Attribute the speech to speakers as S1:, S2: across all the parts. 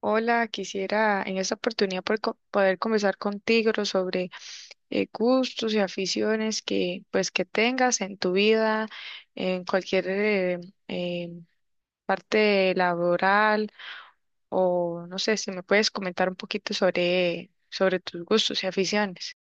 S1: Hola, quisiera en esta oportunidad poder, poder conversar contigo sobre gustos y aficiones que pues que tengas en tu vida, en cualquier eh, parte laboral, o no sé si me puedes comentar un poquito sobre tus gustos y aficiones.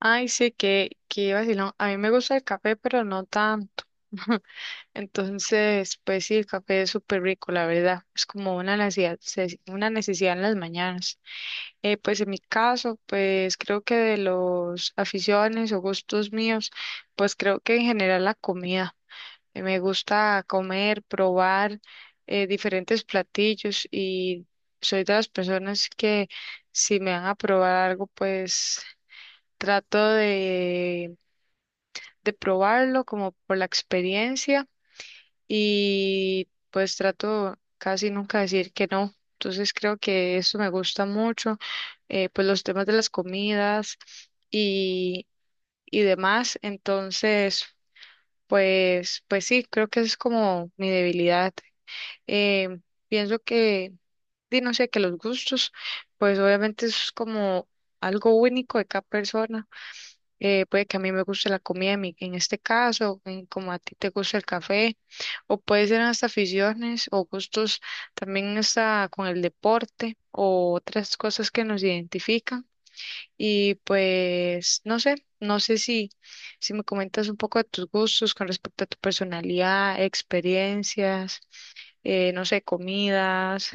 S1: Ay, sí, que vacilón. A mí me gusta el café, pero no tanto. Entonces, pues sí, el café es súper rico, la verdad. Es como una necesidad en las mañanas. Pues en mi caso, pues creo que de los aficiones o gustos míos, pues creo que en general la comida. Me gusta comer, probar diferentes platillos, y soy de las personas que, si me van a probar algo, pues trato de probarlo como por la experiencia, y pues trato casi nunca de decir que no. Entonces creo que eso me gusta mucho, pues los temas de las comidas y, y demás. Entonces, pues, pues sí, creo que esa es como mi debilidad. Eh, Pienso que, di, no sé, que los gustos, pues obviamente eso es como algo único de cada persona. Puede que a mí me guste la comida en, en este caso, en como a ti te gusta el café, o puede ser hasta aficiones o gustos también hasta con el deporte o otras cosas que nos identifican. Y pues no sé, no sé si, si me comentas un poco de tus gustos con respecto a tu personalidad, experiencias, no sé, comidas.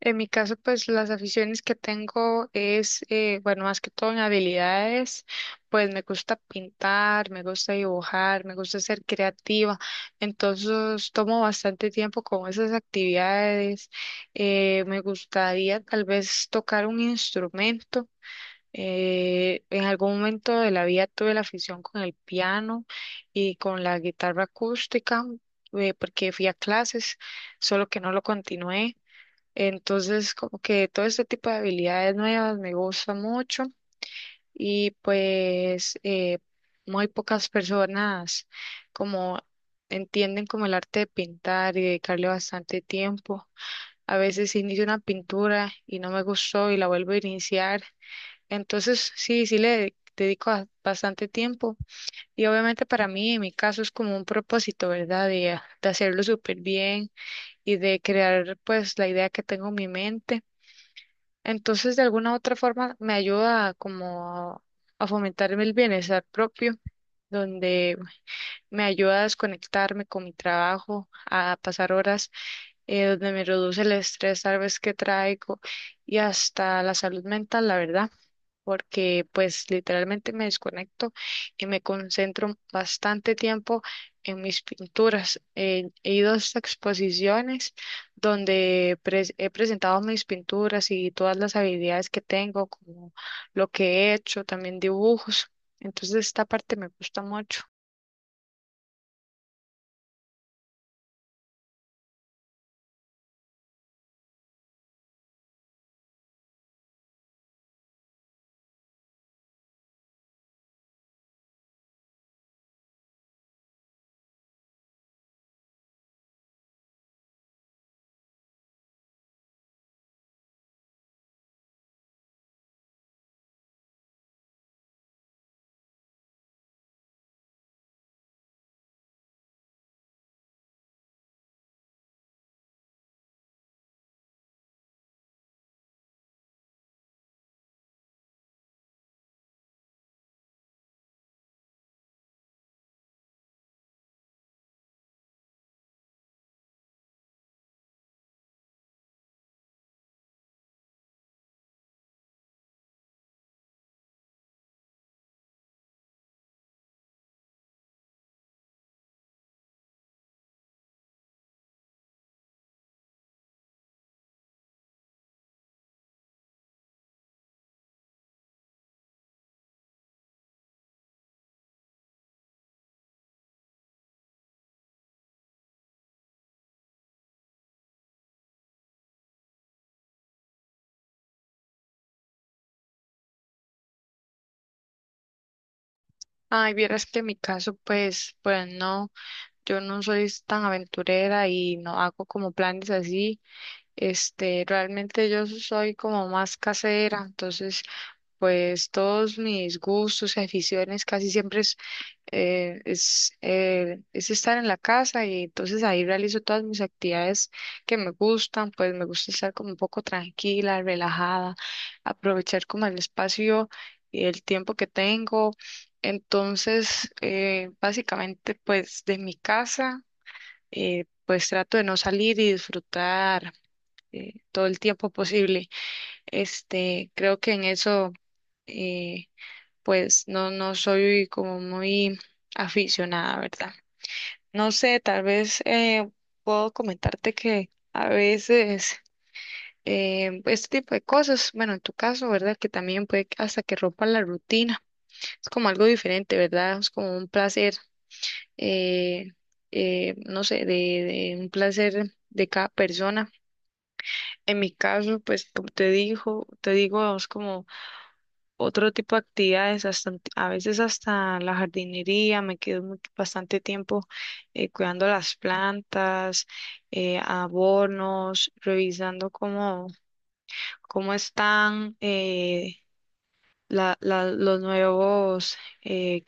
S1: En mi caso, pues las aficiones que tengo es, bueno, más que todo en habilidades, pues me gusta pintar, me gusta dibujar, me gusta ser creativa, entonces tomo bastante tiempo con esas actividades. Me gustaría tal vez tocar un instrumento. En algún momento de la vida tuve la afición con el piano y con la guitarra acústica, porque fui a clases, solo que no lo continué. Entonces, como que todo este tipo de habilidades nuevas me gusta mucho, y pues muy pocas personas como entienden como el arte de pintar y dedicarle bastante tiempo. A veces inicio una pintura y no me gustó y la vuelvo a iniciar. Entonces, sí, sí le dedico bastante tiempo, y obviamente para mí, en mi caso, es como un propósito, ¿verdad? De hacerlo súper bien y de crear pues la idea que tengo en mi mente. Entonces, de alguna u otra forma, me ayuda como a, a fomentarme el bienestar propio, donde me ayuda a desconectarme con mi trabajo, a pasar horas, donde me reduce el estrés tal vez que traigo y hasta la salud mental, la verdad, porque pues literalmente me desconecto y me concentro bastante tiempo en mis pinturas. He ido a estas exposiciones donde he presentado mis pinturas y todas las habilidades que tengo, como lo que he hecho, también dibujos. Entonces esta parte me gusta mucho. Ay, vieras que en mi caso, pues, pues no, yo no soy tan aventurera y no hago como planes así. Este, realmente yo soy como más casera, entonces pues todos mis gustos y aficiones casi siempre es, es estar en la casa, y entonces ahí realizo todas mis actividades que me gustan. Pues me gusta estar como un poco tranquila, relajada, aprovechar como el espacio y el tiempo que tengo. Entonces, básicamente pues de mi casa, pues trato de no salir y disfrutar todo el tiempo posible. Este, creo que en eso, eh, pues no, no soy como muy aficionada, ¿verdad? No sé, tal vez puedo comentarte que a veces este tipo de cosas, bueno, en tu caso, ¿verdad? Que también puede que- hasta que rompa la rutina. Es como algo diferente, ¿verdad? Es como un placer, eh, no sé, de un placer de cada persona. En mi caso, pues como te dijo, te digo, es como otro tipo de actividades, hasta, a veces hasta la jardinería, me quedo bastante tiempo cuidando las plantas, abonos, revisando cómo, cómo están los nuevos, eh,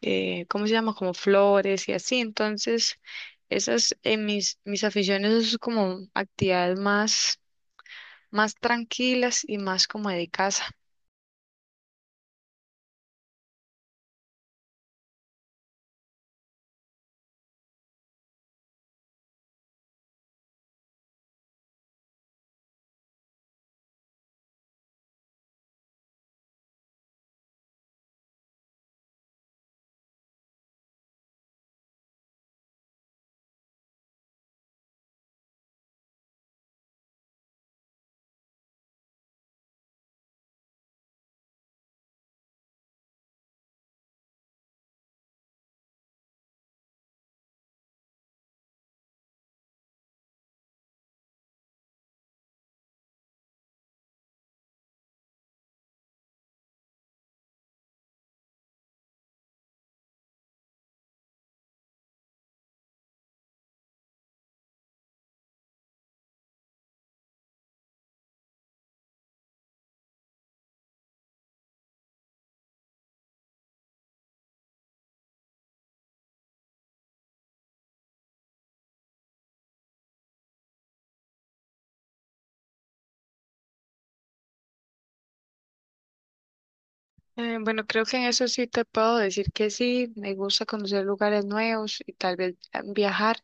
S1: ¿cómo se llama? Como flores y así. Entonces, esas mis, mis aficiones son como actividades más, más tranquilas y más como de casa. Bueno, creo que en eso sí te puedo decir que sí, me gusta conocer lugares nuevos y tal vez viajar.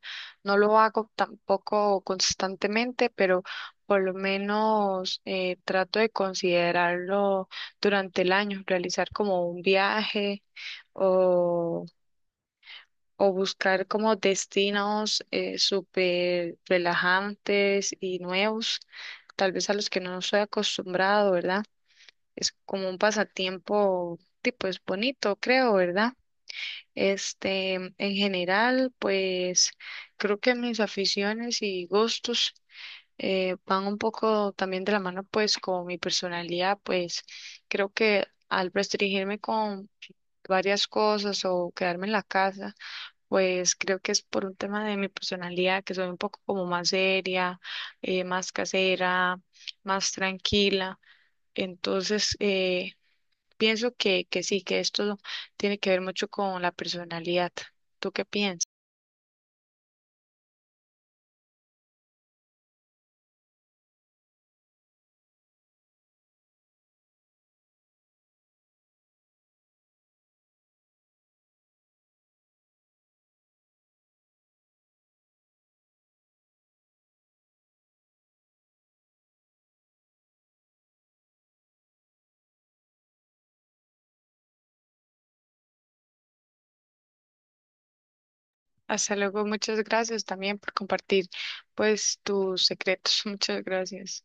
S1: No lo hago tampoco constantemente, pero por lo menos trato de considerarlo durante el año, realizar como un viaje o, o buscar como destinos súper relajantes y nuevos, tal vez a los que no soy acostumbrado, ¿verdad? Es como un pasatiempo, tipo, pues bonito, creo, ¿verdad? Este, en general, pues creo que mis aficiones y gustos van un poco también de la mano, pues con mi personalidad. Pues creo que al restringirme con varias cosas o quedarme en la casa, pues creo que es por un tema de mi personalidad, que soy un poco como más seria, más casera, más tranquila. Entonces, pienso que sí, que esto tiene que ver mucho con la personalidad. ¿Tú qué piensas? Hasta luego, muchas gracias también por compartir pues tus secretos. Muchas gracias.